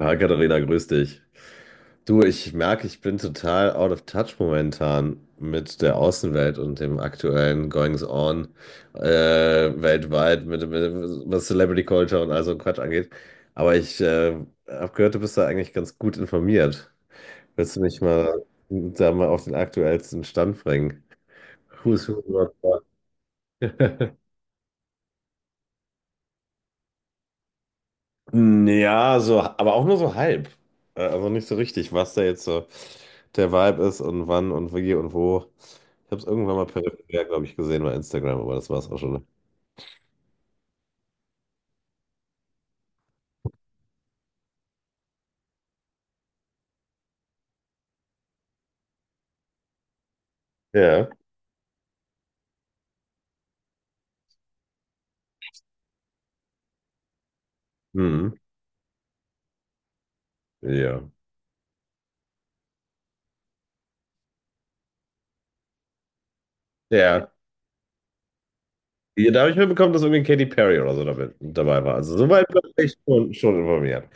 Hi Katharina, grüß dich. Du, ich merke, ich bin total out of touch momentan mit der Außenwelt und dem aktuellen Goings on weltweit, was Celebrity Culture und all so ein Quatsch angeht. Aber ich habe gehört, du bist da eigentlich ganz gut informiert. Willst du mich mal da mal auf den aktuellsten Stand bringen? Who's who? What, what? Ja, so, aber auch nur so halb. Also nicht so richtig, was da jetzt so der Vibe ist und wann und wie und wo. Ich habe es irgendwann mal peripher, glaube ich, gesehen bei Instagram, aber das war es auch schon. Ja. Mhm. Ja. Ja. Ja, da habe ich mitbekommen, dass irgendwie Katy Perry oder so damit, dabei war. Also soweit bin ich schon informiert.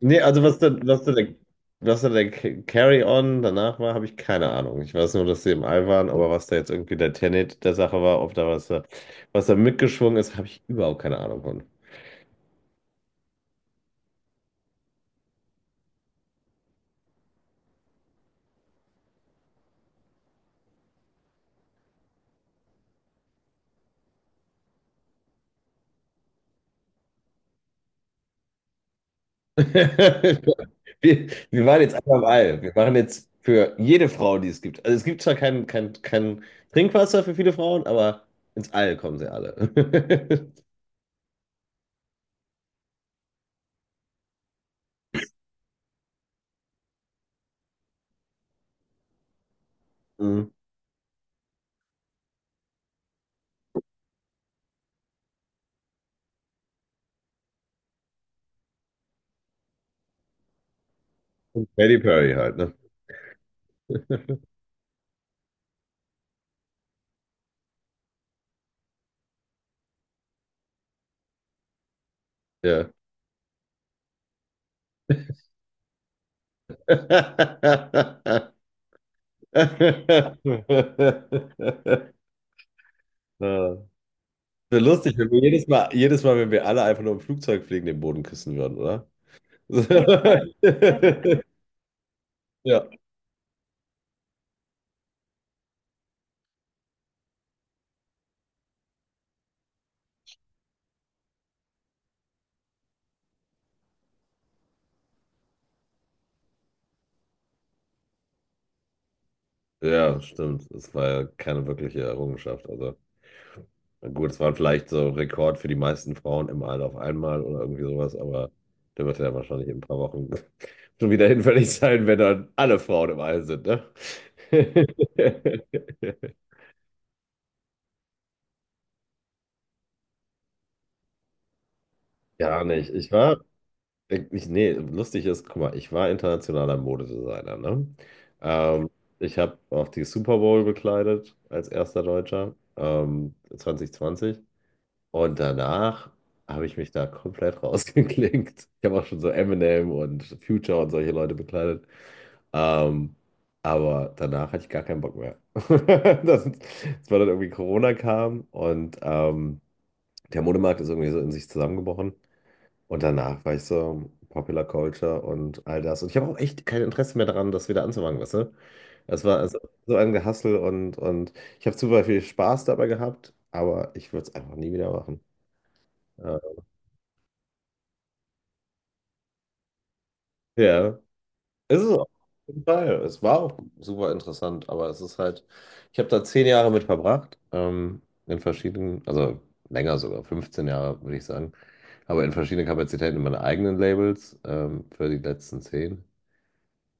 Nee, also was da der Ca- Carry-On danach war, habe ich keine Ahnung. Ich weiß nur, dass sie im All waren, aber was da jetzt irgendwie der Tenet der Sache war, ob da was da mitgeschwungen ist, habe ich überhaupt keine Ahnung von. Wir waren jetzt einfach im All. Wir machen jetzt für jede Frau, die es gibt. Also es gibt zwar kein Trinkwasser für viele Frauen, aber ins All kommen sie alle. Mhm. Katy Perry halt, ne? Ja. Ja. Wäre lustig, wenn wir jedes Mal, wenn wir alle einfach nur im Flugzeug fliegen, den Boden küssen würden, oder? Ja. Ja, stimmt. Das war ja keine wirkliche Errungenschaft. Also gut, es war vielleicht so ein Rekord für die meisten Frauen im All auf einmal oder irgendwie sowas, aber der wird ja wahrscheinlich in ein paar Wochen schon wieder hinfällig sein, wenn dann alle Frauen im All sind, ne? Gar nicht. Nee, lustig ist, guck mal, ich war internationaler Modedesigner, ne? Mhm. Ähm, Ich habe auch die Super Bowl bekleidet als erster Deutscher, zwanzig. Zwanzig. Und danach habe ich mich da komplett rausgeklinkt. Ich habe auch schon so Eminem und Future und solche Leute bekleidet. Ähm, aber danach hatte ich gar keinen Bock mehr. Das war dann irgendwie Corona kam und der Modemarkt ist irgendwie so in sich zusammengebrochen. Und danach war ich so Popular Culture und all das. Und ich habe auch echt kein Interesse mehr daran, das wieder anzufangen, weißt du? Es war also so ein Gehassel und ich habe super viel Spaß dabei gehabt, aber ich würde es einfach nie wieder machen. Ja, ja. Ist es auch. Auf jeden Fall. Es war auch super interessant, aber es ist halt, ich habe da 10 Jahre mit verbracht, in verschiedenen, also länger sogar, 15 Jahre würde ich sagen, aber in verschiedenen Kapazitäten in meinen eigenen Labels, für die letzten 10.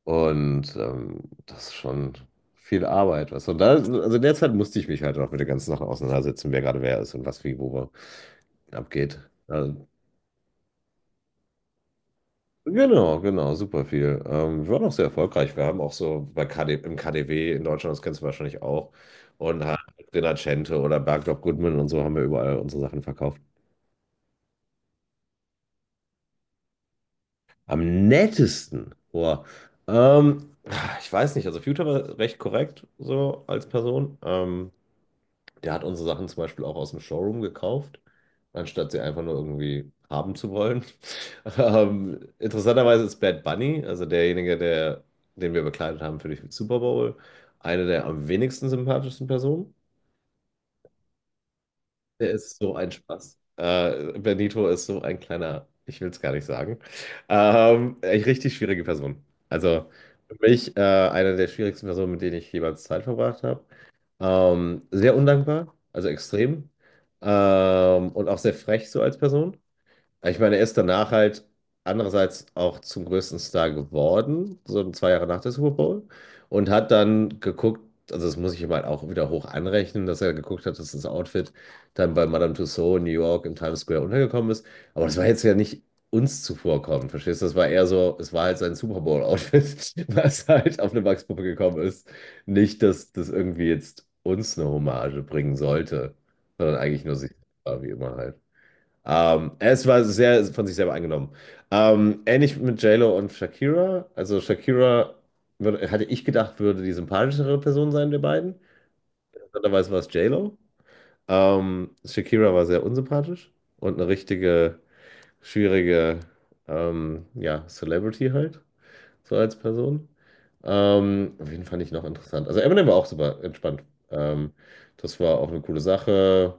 Und das ist schon viel Arbeit, was. Und da, also in der Zeit musste ich mich halt auch mit den ganzen Sachen auseinandersetzen, wer gerade wer ist und was wie wo abgeht. Also, genau, genau, super viel. Wir waren auch sehr erfolgreich. Wir haben auch so bei KD, im KDW in Deutschland, das kennst du wahrscheinlich auch, und halt Rinascente oder Bergdorf Goodman und so haben wir überall unsere Sachen verkauft. Am nettesten, boah. Ähm, Ich weiß nicht, also Future war recht korrekt so als Person. Der hat unsere Sachen zum Beispiel auch aus dem Showroom gekauft, anstatt sie einfach nur irgendwie haben zu wollen. Interessanterweise ist Bad Bunny, also derjenige, der, den wir bekleidet haben für die Super Bowl, eine der am wenigsten sympathischsten Personen. Der ist so ein Spaß. Benito ist so ein kleiner, ich will es gar nicht sagen. Echt richtig schwierige Person. Also für mich eine der schwierigsten Personen, mit denen ich jemals Zeit verbracht habe. Sehr undankbar, also extrem. Und auch sehr frech so als Person. Ja, ich meine, er ist danach halt andererseits auch zum größten Star geworden, so zwei Jahre nach der Super Bowl, und hat dann geguckt, also das muss ich ihm halt auch wieder hoch anrechnen, dass er geguckt hat, dass das Outfit dann bei Madame Tussauds in New York im Times Square untergekommen ist. Aber das war jetzt ja nicht uns zuvorkommend, verstehst du? Das war eher so, es war halt sein Super Bowl-Outfit, was halt auf eine Wachspuppe gekommen ist. Nicht, dass das irgendwie jetzt uns eine Hommage bringen sollte, sondern eigentlich nur sich, war wie immer halt. Es war sehr von sich selber eingenommen. Ähnlich mit J Lo und Shakira. Also Shakira würde, hatte ich gedacht, würde die sympathischere Person sein der beiden. Interessanterweise war es JLo. Shakira war sehr unsympathisch und eine richtige, schwierige ja, Celebrity halt, so als Person. Wen fand ich noch interessant? Also Eminem war auch super entspannt. Ähm, Das war auch eine coole Sache.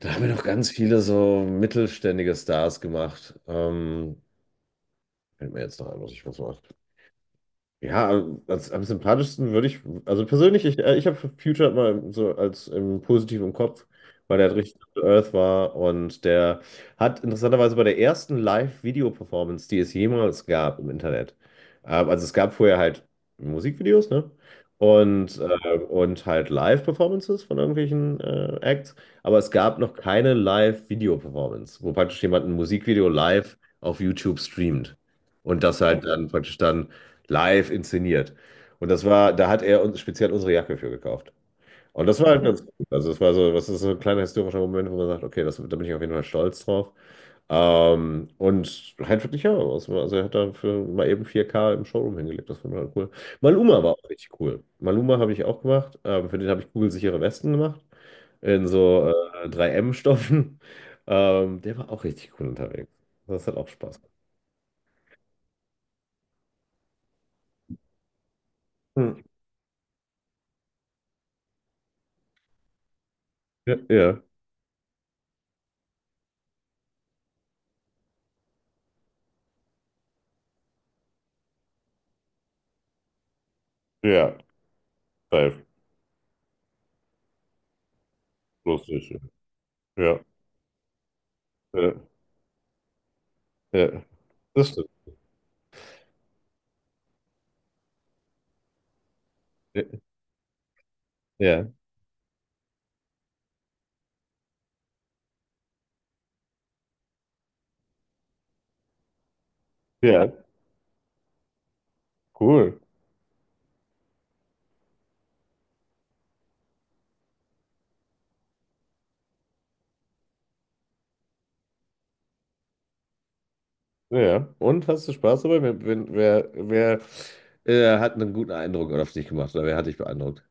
Da haben wir noch ganz viele so mittelständige Stars gemacht. Fällt mir jetzt noch ein, was ich was mache. Ja, als, am sympathischsten würde ich, also persönlich, ich habe Future mal so als positiv im Kopf, weil der richtig down to Earth war und der hat interessanterweise bei der ersten Live-Video-Performance, die es jemals gab im Internet, also es gab vorher halt Musikvideos, ne? Und halt Live-Performances von irgendwelchen Acts, aber es gab noch keine Live-Video-Performance, wo praktisch jemand ein Musikvideo live auf YouTube streamt und das halt dann praktisch dann live inszeniert. Und das war, da hat er uns speziell unsere Jacke für gekauft. Und das war halt ganz gut. Also es war so, was ist so ein kleiner historischer Moment, wo man sagt, okay, das, da bin ich auf jeden Fall stolz drauf. Und halt wirklich, ja, also er hat da für mal eben vier k im Showroom hingelegt, das fand ich halt cool. Maluma war auch richtig cool. Maluma habe ich auch gemacht, für den habe ich kugelsichere Westen gemacht, in so 3M-Stoffen. Der war auch richtig cool unterwegs. Das hat auch Spaß gemacht. Hm. Ja, ja, ja, live, lustig. Ja. Ja, ja, das stimmt. Ja, ja, cool. Ja. Und hast du Spaß dabei? Wer, wenn- wer, wer hat einen guten Eindruck auf dich gemacht oder wer hat dich beeindruckt?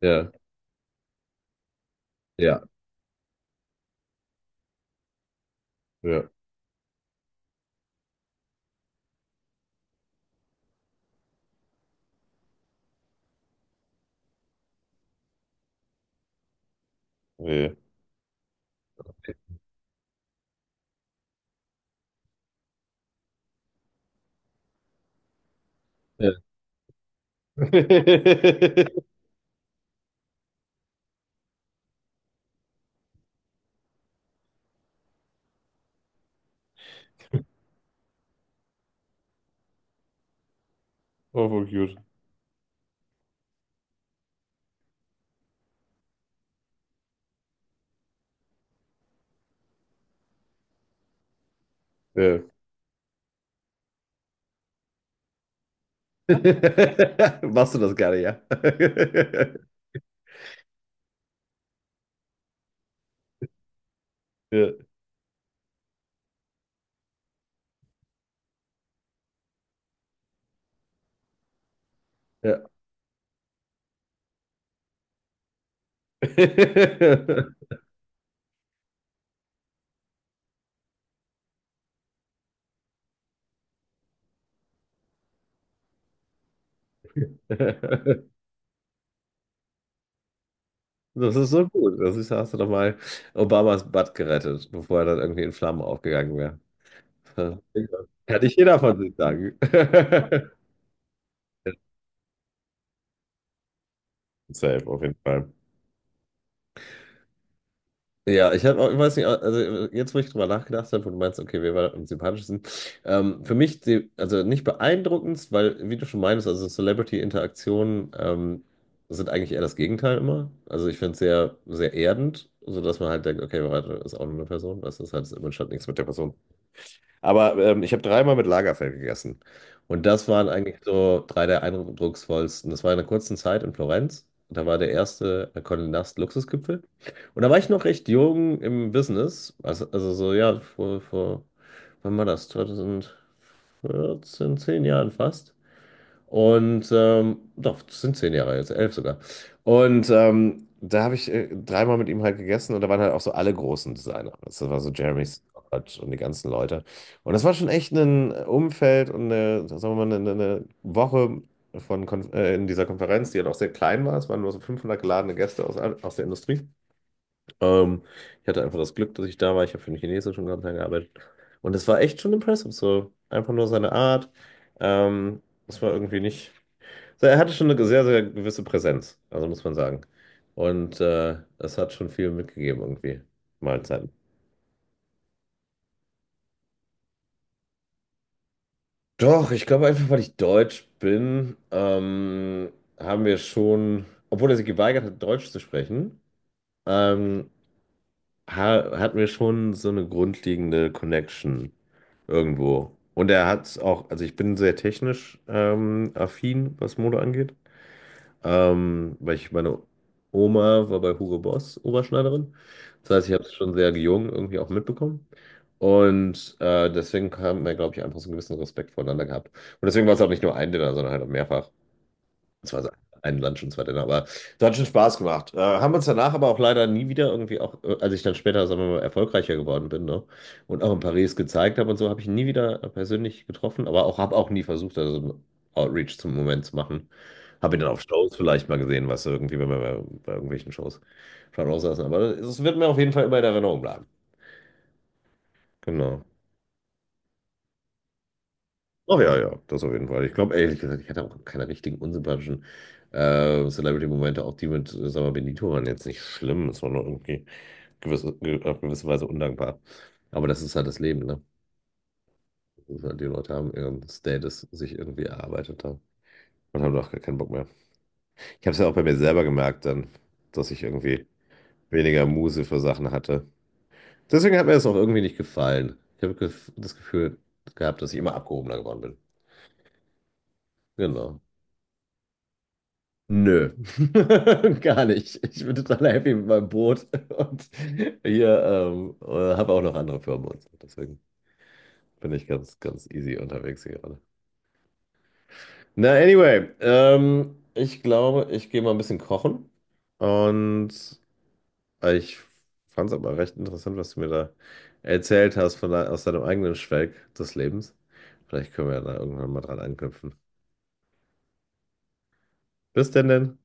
Ja, ja, ja. Ja. Ja. Oh, voll cute. Ja. Machst du das gerne, ja? Ja, ja. Das ist so gut. Das ist, hast du doch mal Obamas Butt gerettet, bevor er dann irgendwie in Flammen aufgegangen wäre. Ja. Kann nicht jeder von sich sagen. Safe, auf jeden Fall. Ja, ich habe auch, ich weiß nicht, also jetzt, wo ich drüber nachgedacht habe, wo du meinst, okay, wer war am sympathischsten? Für mich, die, also nicht beeindruckendst, weil, wie du schon meinst, also Celebrity-Interaktionen sind eigentlich eher das Gegenteil immer. Also ich finde es sehr, sehr erdend, sodass man halt denkt, okay, warte, ist auch nur eine Person, weißt du, das hat jetzt im Moment nichts mit der Person. Aber ich habe dreimal mit Lagerfeld gegessen. Und das waren eigentlich so drei der eindrucksvollsten. Das war in einer kurzen Zeit in Florenz. Da war der erste Condé Nast Luxusgipfel. Und da war ich noch recht jung im Business. Also so, ja, wann war das? 2014, 10 Jahren fast. Und doch, das sind 10 Jahre jetzt, 11 sogar. Und da habe ich dreimal mit ihm halt gegessen und da waren halt auch so alle großen Designer. Das war so Jeremy Scott und die ganzen Leute. Und das war schon echt ein Umfeld und eine, sagen wir mal, eine Woche von Kon in dieser Konferenz, die halt auch sehr klein war. Es waren nur so 500 geladene Gäste aus der Industrie. Ähm, Ich hatte einfach das Glück, dass ich da war. Ich habe für einen chinesischen Konzern gearbeitet. Und es war echt schon impressive. So einfach nur seine Art. Es war irgendwie nicht. So, er hatte schon eine sehr, sehr gewisse Präsenz, also muss man sagen. Und das hat schon viel mitgegeben irgendwie, Mahlzeiten. Doch, ich glaube einfach, weil ich Deutsch bin, haben wir schon, obwohl er sich geweigert hat, Deutsch zu sprechen, ähm, ha hatten wir schon so eine grundlegende Connection irgendwo. Und er hat auch, also ich bin sehr technisch affin, was Mode angeht. Weil ich, meine Oma war bei Hugo Boss Oberschneiderin. Das heißt, ich habe es schon sehr jung irgendwie auch mitbekommen. Und deswegen haben wir, glaube ich, einfach so einen gewissen Respekt voneinander gehabt. Und deswegen war es auch nicht nur ein Dinner, sondern halt auch mehrfach. Es war ein Lunch und zwei Dinner, aber es hat schon Spaß gemacht. Haben uns danach aber auch leider nie wieder irgendwie auch, als ich dann später, sagen wir mal, erfolgreicher geworden bin, ne? Und auch in Paris gezeigt habe und so, habe ich ihn nie wieder persönlich getroffen, aber auch habe auch nie versucht, also einen Outreach zum Moment zu machen. Habe ihn dann auf Shows vielleicht mal gesehen, was irgendwie, wenn wir bei irgendwelchen Shows schon aussaßen. Aber es wird mir auf jeden Fall immer in Erinnerung bleiben. Genau. Ach ja, ja, das auf jeden Fall. Ich glaube, ehrlich gesagt, ich hatte auch keine richtigen unsympathischen Celebrity-Momente, auch die mit, sag mal, Benito waren jetzt nicht schlimm. Es war nur irgendwie auf gewisse Weise undankbar. Aber das ist halt das Leben, ne? Das ist halt, die Leute haben ihren Status sich irgendwie erarbeitet haben und haben auch gar keinen Bock mehr. Ich habe es ja auch bei mir selber gemerkt dann, dass ich irgendwie weniger Muße für Sachen hatte. Deswegen hat mir das auch irgendwie nicht gefallen. Ich habe das Gefühl gehabt, dass ich immer abgehobener geworden bin. Genau. Nö, gar nicht. Ich bin total happy mit meinem Boot und hier habe auch noch andere Firmen und so. Deswegen bin ich ganz, ganz easy unterwegs hier gerade. Na, anyway, ich glaube, ich gehe mal ein bisschen kochen und ich fand es aber recht interessant, was du mir da erzählt hast von aus deinem eigenen Schwelg des Lebens. Vielleicht können wir ja da irgendwann mal dran anknüpfen. Bis denn denn.